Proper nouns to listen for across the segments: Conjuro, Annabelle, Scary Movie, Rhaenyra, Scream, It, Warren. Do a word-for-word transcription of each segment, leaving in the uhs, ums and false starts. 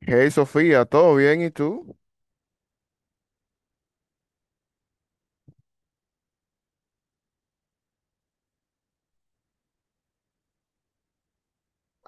Hey Sofía, ¿todo bien? ¿Y tú?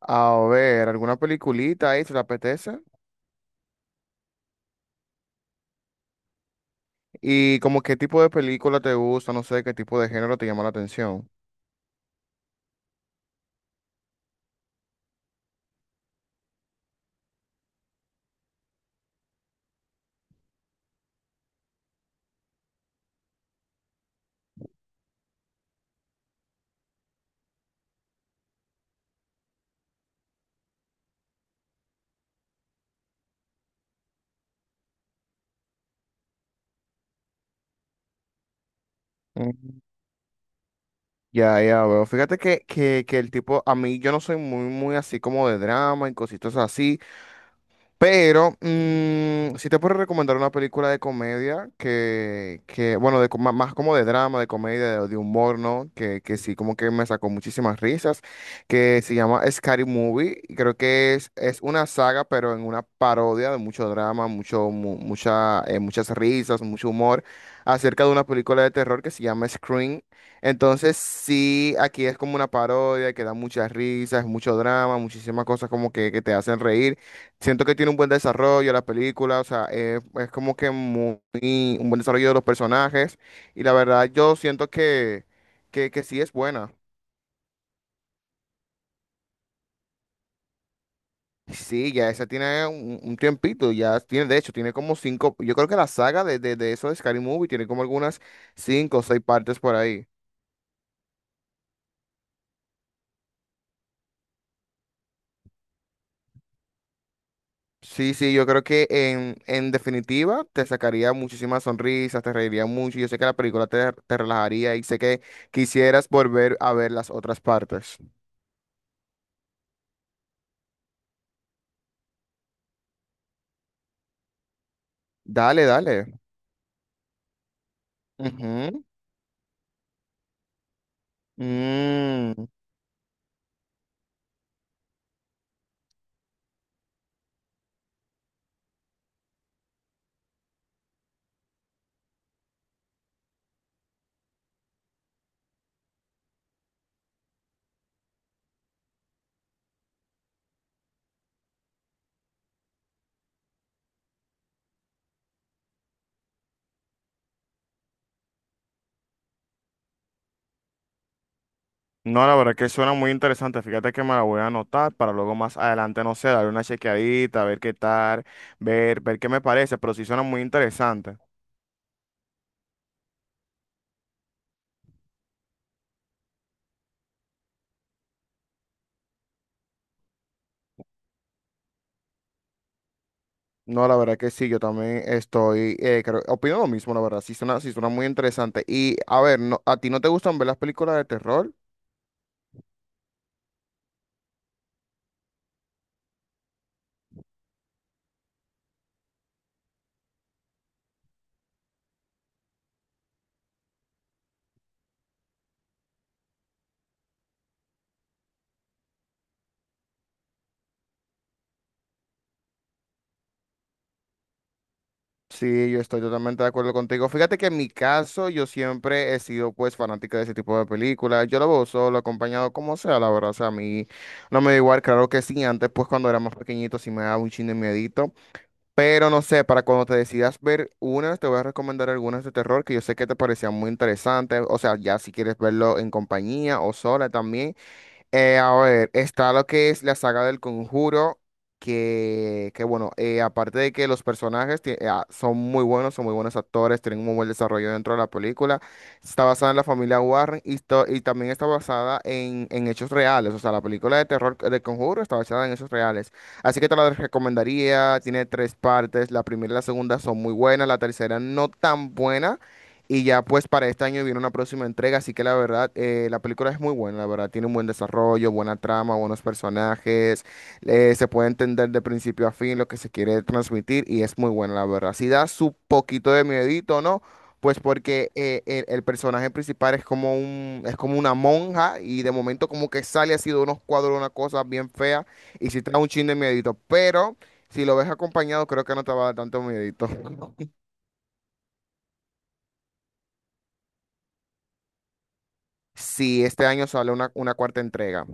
A ver, ¿alguna peliculita ahí se te apetece? ¿Y como qué tipo de película te gusta? No sé, ¿qué tipo de género te llama la atención? Mm. Ya, ya veo. Fíjate que, que, que el tipo, a mí yo no soy muy, muy así como de drama y cositas así. Pero, mm, si te puedo recomendar una película de comedia que, que bueno, de, co- ma- más como de drama, de comedia, de, de humor, ¿no? Que, que sí, como que me sacó muchísimas risas, que se llama Scary Movie. y Creo que es, es una saga, pero en una parodia de mucho drama, mucho, mu- mucha, eh, muchas risas, mucho humor, acerca de una película de terror que se llama Scream. Entonces, sí, aquí es como una parodia que da muchas risas, mucho drama, muchísimas cosas como que, que te hacen reír. Siento que tiene un buen desarrollo la película, o sea, eh, es como que muy, un buen desarrollo de los personajes y la verdad yo siento que, que, que sí es buena. Sí, ya esa tiene un, un tiempito, ya tiene, de hecho, tiene como cinco, yo creo que la saga de, de, de eso de Scary Movie tiene como algunas cinco o seis partes por ahí. Sí, sí, yo creo que en, en definitiva te sacaría muchísimas sonrisas, te reiría mucho, yo sé que la película te, te relajaría y sé que quisieras volver a ver las otras partes. Dale, dale. Ujú. Mm. No, la verdad que suena muy interesante. Fíjate que me la voy a anotar para luego más adelante, no sé, darle una chequeadita, ver qué tal, ver, ver qué me parece, pero sí suena muy interesante. No, la verdad que sí, yo también estoy, eh, creo- opino lo mismo, la verdad, sí suena, sí suena muy interesante. Y a ver, no, ¿a ti no te gustan ver las películas de terror? Sí, yo estoy totalmente de acuerdo contigo. Fíjate que en mi caso yo siempre he sido pues fanática de ese tipo de películas. Yo lo veo solo, acompañado, como sea, la verdad. O sea, a mí no me da igual, claro que sí. Antes pues cuando era más pequeñito sí me daba un chin de miedito. Pero no sé, para cuando te decidas ver unas, te voy a recomendar algunas de terror que yo sé que te parecían muy interesantes. O sea, ya si quieres verlo en compañía o sola también. Eh, a ver, está lo que es la saga del Conjuro, que, que bueno, eh, aparte de que los personajes tie- eh, ah, son muy buenos, son muy buenos actores, tienen un muy buen desarrollo dentro de la película, está basada en la familia Warren y, to- y también está basada en, en hechos reales, o sea, la película de terror del Conjuro está basada en hechos reales, así que te la recomendaría, tiene tres partes, la primera y la segunda son muy buenas, la tercera no tan buena. Y ya pues para este año viene una próxima entrega, así que la verdad, eh, la película es muy buena, la verdad, tiene un buen desarrollo, buena trama, buenos personajes, eh, se puede entender de principio a fin lo que se quiere transmitir y es muy buena, la verdad. Si da su poquito de miedito, ¿no? Pues porque eh, el, el personaje principal es como un, es como una monja y de momento como que sale así de unos cuadros, una cosa bien fea y si te da un chin de miedito, pero si lo ves acompañado creo que no te va a dar tanto miedito. Si este año sale una, una cuarta entrega.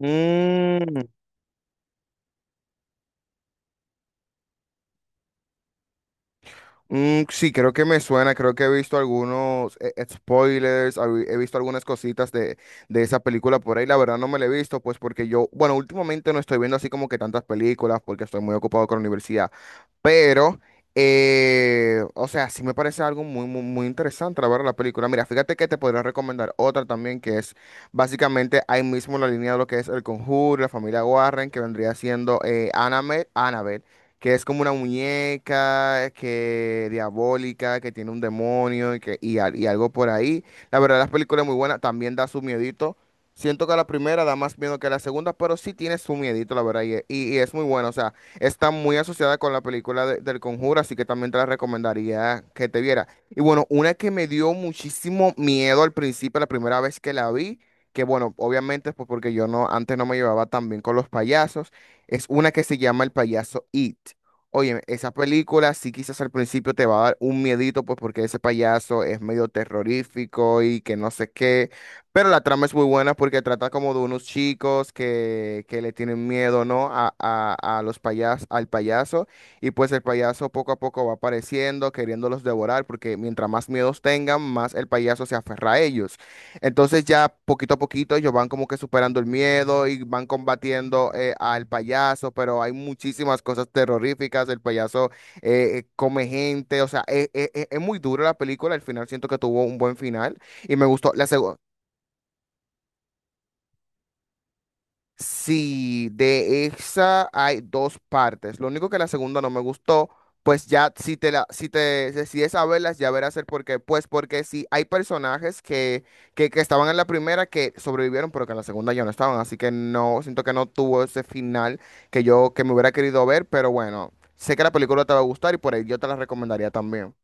Mm, mm, sí, creo que me suena, creo que he visto algunos eh, eh, spoilers, al- he visto algunas cositas de, de esa película por ahí, la verdad no me la he visto, pues porque yo, bueno, últimamente no estoy viendo así como que tantas películas porque estoy muy ocupado con la universidad, pero, eh, o sea, sí me parece algo muy, muy, muy interesante la verdad la película. Mira, fíjate que te podría recomendar otra también que es básicamente ahí mismo en la línea de lo que es El Conjuro, la familia Warren, que vendría siendo eh, Annabelle, que es como una muñeca, que diabólica, que tiene un demonio y, que, y, al- y algo por ahí. La verdad, la película es muy buena, también da su miedito. Siento que la primera da más miedo que la segunda, pero sí tiene su miedito, la verdad, y, e- y- y es muy buena. O sea, está muy asociada con la película de- del Conjuro, así que también te la recomendaría que te viera. Y bueno, una que me dio muchísimo miedo al principio, la primera vez que la vi, que bueno, obviamente pues porque yo no, antes no me llevaba tan bien con los payasos. Es una que se llama El payaso It. Oye, esa película sí quizás al principio te va a dar un miedito, pues porque ese payaso es medio terrorífico y que no sé qué, pero la trama es muy buena porque trata como de unos chicos que, que le tienen miedo, ¿no? A, a, a los payas, al payaso y pues el payaso poco a poco va apareciendo, queriéndolos devorar porque mientras más miedos tengan, más el payaso se aferra a ellos. Entonces ya poquito a poquito ellos van como que superando el miedo y van combatiendo eh, al payaso, pero hay muchísimas cosas terroríficas, el payaso eh, eh, come gente, o sea, eh, eh, eh, es muy dura la película, al final siento que tuvo un buen final y me gustó. La, seg- Sí, de esa hay dos partes. Lo único que la segunda no me gustó, pues ya si te la, si te decides a verlas, ya verás el por qué. Pues porque sí, hay personajes que, que, que estaban en la primera que sobrevivieron, pero que en la segunda ya no estaban. Así que no, siento que no tuvo ese final que yo, que me hubiera querido ver, pero bueno, sé que la película te va a gustar y por ahí yo te la recomendaría también.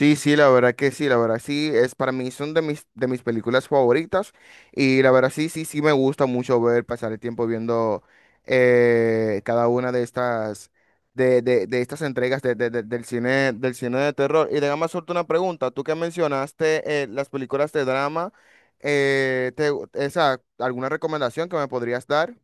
Sí, sí, la verdad que sí, la verdad sí, es para mí son de mis, de mis películas favoritas y la verdad sí, sí, sí me gusta mucho ver pasar el tiempo viendo eh, cada una de estas, de, de, de estas entregas de- de- de- del cine, del cine de terror. Y déjame hacerte una pregunta, tú que mencionaste eh, las películas de drama, eh, te- esa, ¿alguna recomendación que me podrías dar?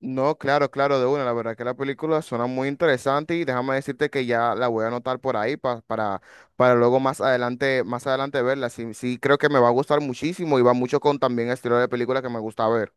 No, claro, claro, de una. La verdad que la película suena muy interesante y déjame decirte que ya la voy a anotar por ahí pa- para, para luego más adelante, más adelante verla. Sí, sí, creo que me va a gustar muchísimo y va mucho con también el estilo de película que me gusta ver.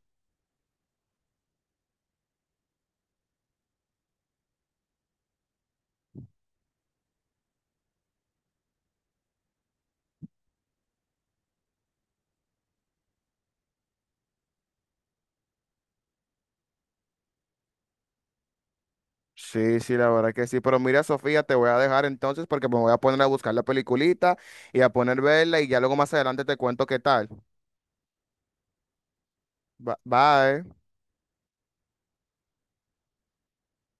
Sí, sí, la verdad que sí. Pero mira, Sofía, te voy a dejar entonces porque me voy a poner a buscar la peliculita y a poner verla y ya luego más adelante te cuento qué tal. Ba- Bye.